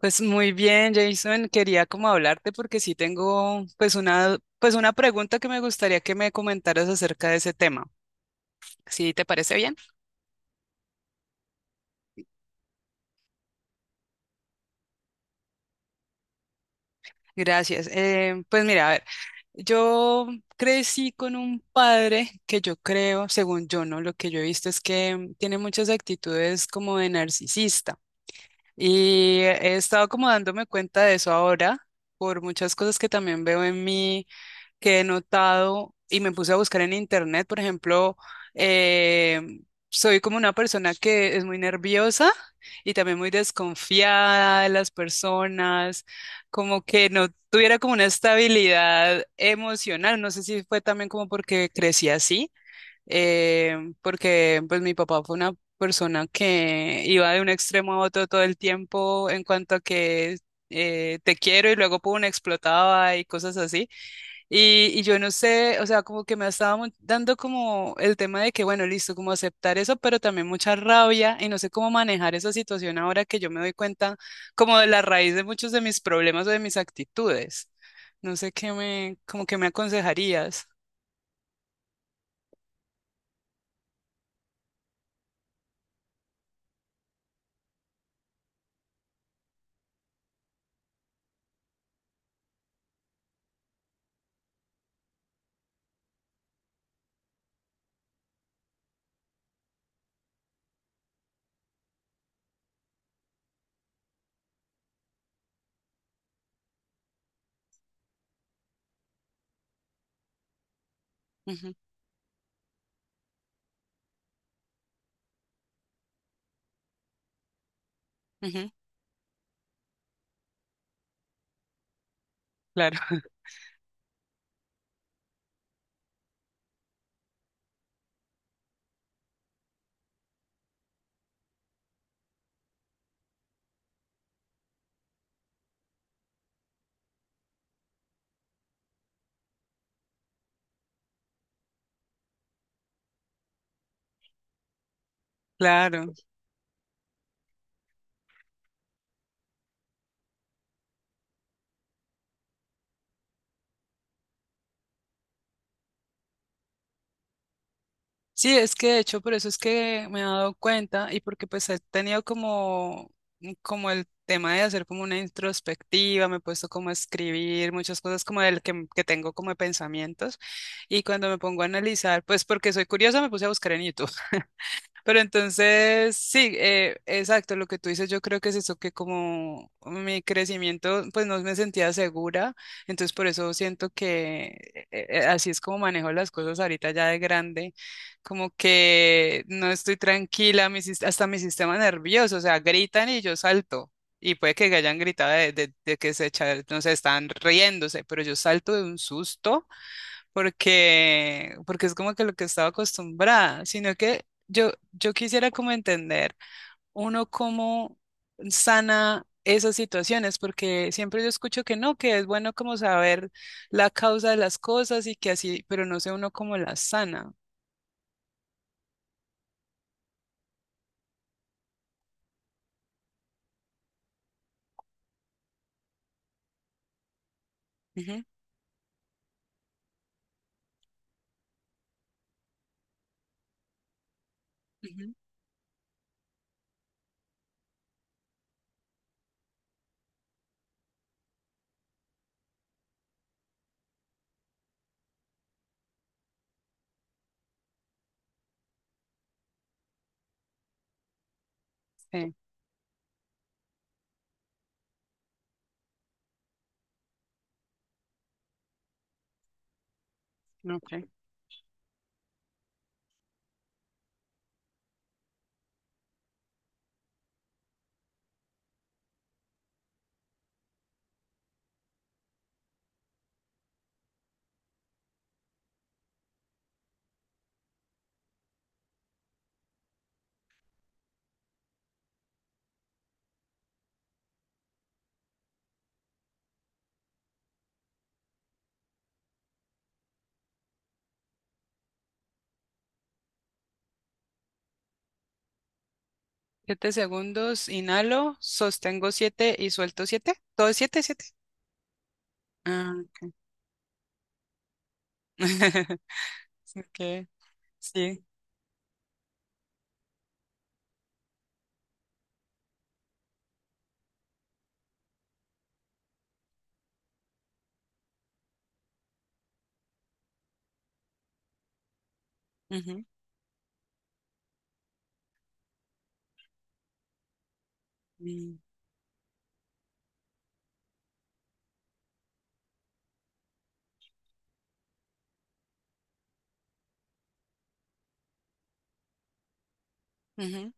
Pues muy bien, Jason, quería como hablarte porque sí tengo una pregunta que me gustaría que me comentaras acerca de ese tema. ¿Sí te parece bien? Gracias. Pues mira, a ver, yo crecí con un padre que yo creo, según yo, ¿no? Lo que yo he visto es que tiene muchas actitudes como de narcisista y he estado como dándome cuenta de eso ahora por muchas cosas que también veo en mí que he notado y me puse a buscar en internet, por ejemplo, eh, soy como una persona que es muy nerviosa y también muy desconfiada de las personas, como que no tuviera como una estabilidad emocional. No sé si fue también como porque crecí así, eh, porque pues mi papá fue una persona que iba de un extremo a otro todo el tiempo en cuanto a que... te quiero y luego pum, explotaba y cosas así. Y yo no sé, o sea, como que me estaba dando como el tema de que, bueno, listo, como aceptar eso, pero también mucha rabia y no sé cómo manejar esa situación ahora que yo me doy cuenta como de la raíz de muchos de mis problemas o de mis actitudes. No sé qué me, como que me aconsejarías. Ujú, ujú, claro, claro. Sí, es que de hecho por eso es que me he dado cuenta y porque pues he tenido como, mm, como el tema de hacer como una introspectiva, me he puesto como a escribir muchas cosas como del que, mm, que tengo como de pensamientos y cuando me pongo a analizar, pues porque soy curiosa me puse a buscar en YouTube. Pero entonces, sí, exacto, lo que tú dices, yo creo que es eso, que como mi crecimiento, pues no me sentía segura, entonces por eso siento que así es como manejo las cosas ahorita ya de grande, como que no estoy tranquila, mi hasta mi sistema nervioso, o sea, gritan y yo salto. Y puede que hayan gritado de, de que se echa, no sé, están riéndose, pero yo salto de un susto porque, porque es como que lo que estaba acostumbrada, sino que yo quisiera como entender uno cómo sana esas situaciones, porque siempre yo escucho que no, que es bueno como saber la causa de las cosas y que así, pero no sé uno cómo las sana. Ujú, ujú, sí, ok. Siete segundos, inhalo, sostengo siete y suelto siete. Todo es siete, siete. Ah, ok. Ok, sí. Ujú, mm, ujú.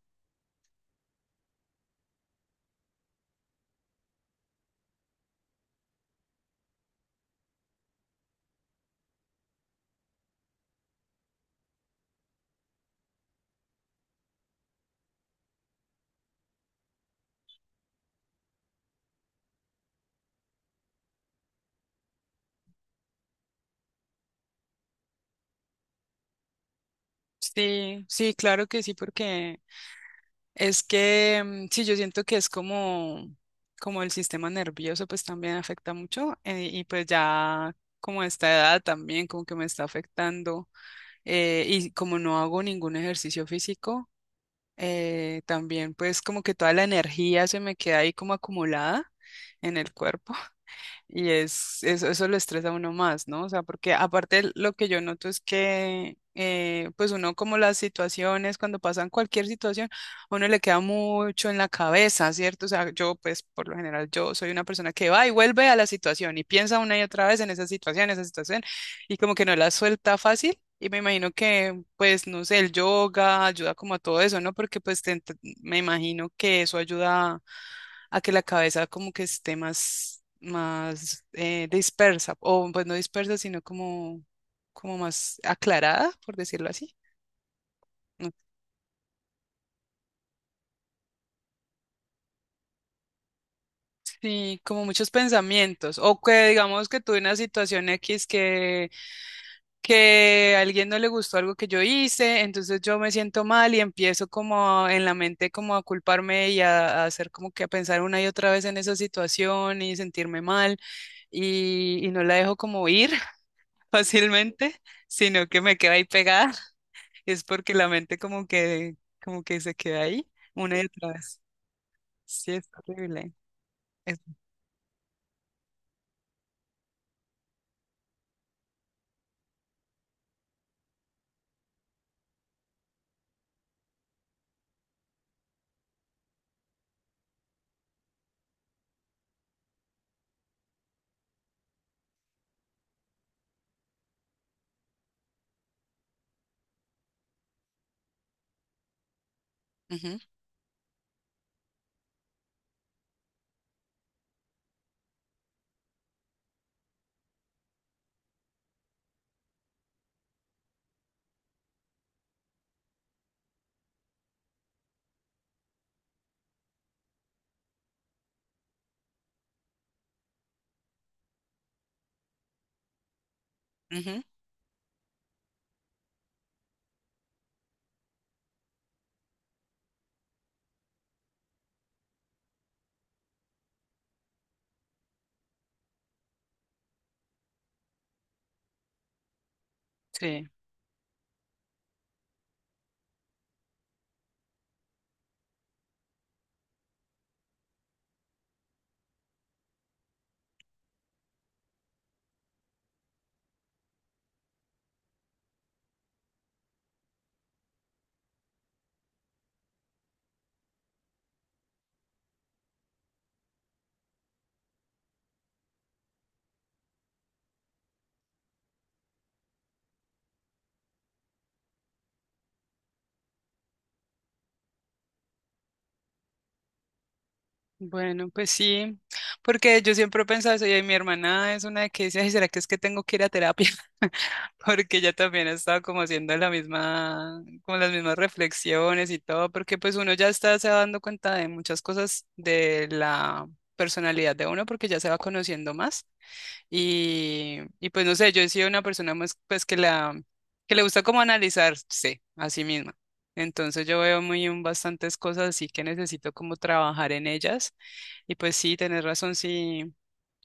Sí, sí, claro que sí, porque es que mm, sí, yo siento que es como, como el sistema nervioso, pues también afecta mucho, y pues ya como a esta edad también como que me está afectando, y como no hago ningún ejercicio físico, también pues como que toda la energía se me queda ahí como acumulada en el cuerpo. Y es, eso lo estresa a uno más, ¿no? O sea, porque aparte lo que yo noto es que, pues uno como las situaciones, cuando pasan cualquier situación, a uno le queda mucho en la cabeza, ¿cierto? O sea, yo pues por lo general yo soy una persona que va y vuelve a la situación y piensa una y otra vez en esa situación, y como que no la suelta fácil. Y me imagino que, pues, no sé, el yoga ayuda como a todo eso, ¿no? Porque pues te me imagino que eso ayuda a que la cabeza como que esté más, más dispersa, o pues no dispersa, sino como, como más aclarada, por decirlo así. No. Sí, como muchos pensamientos, o que digamos que tuve una situación X que a alguien no le gustó algo que yo hice, entonces yo me siento mal y empiezo como en la mente como a culparme y a hacer como que a pensar una y otra vez en esa situación y sentirme mal y no la dejo como ir fácilmente, sino que me queda ahí pegada. Es porque la mente como que se queda ahí una y otra vez. Sí, es horrible. Es- ujú, ujú, sí. Bueno, pues sí, porque yo siempre he pensado eso y mi hermana es una que dice, "Ay, ¿será que es que tengo que ir a terapia?" Porque ella también ha estado como haciendo la misma, como las mismas reflexiones y todo, porque pues uno ya está se va dando cuenta de muchas cosas de la personalidad de uno porque ya se va conociendo más. Y pues no sé, yo he sido una persona más pues que la que le gusta como analizarse a sí misma. Entonces yo veo muy bastantes cosas así que necesito como trabajar en ellas. Y pues sí, tenés razón, sí,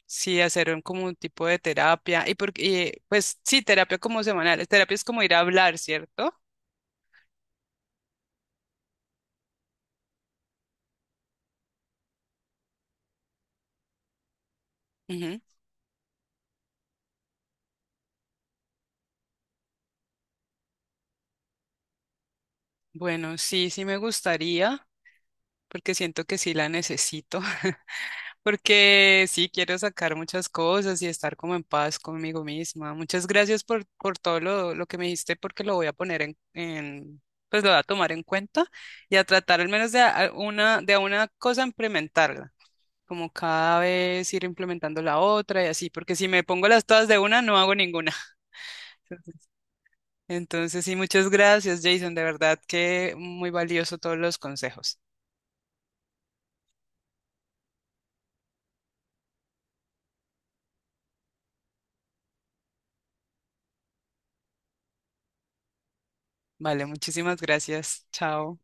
sí hacer un, como un tipo de terapia. Y porque pues sí, terapia como semanal. Terapia es como ir a hablar, ¿cierto? Ujú. Bueno, sí, sí me gustaría, porque siento que sí la necesito. Porque sí quiero sacar muchas cosas y estar como en paz conmigo misma. Muchas gracias por todo lo que me dijiste, porque lo voy a poner en, pues lo voy a tomar en cuenta y a tratar al menos de a una, de a una cosa implementarla, como cada vez ir implementando la otra y así, porque si me pongo las todas de una, no hago ninguna. Entonces, entonces sí, muchas gracias, Jason, de verdad que muy valioso todos los consejos. Vale, muchísimas gracias. Chao.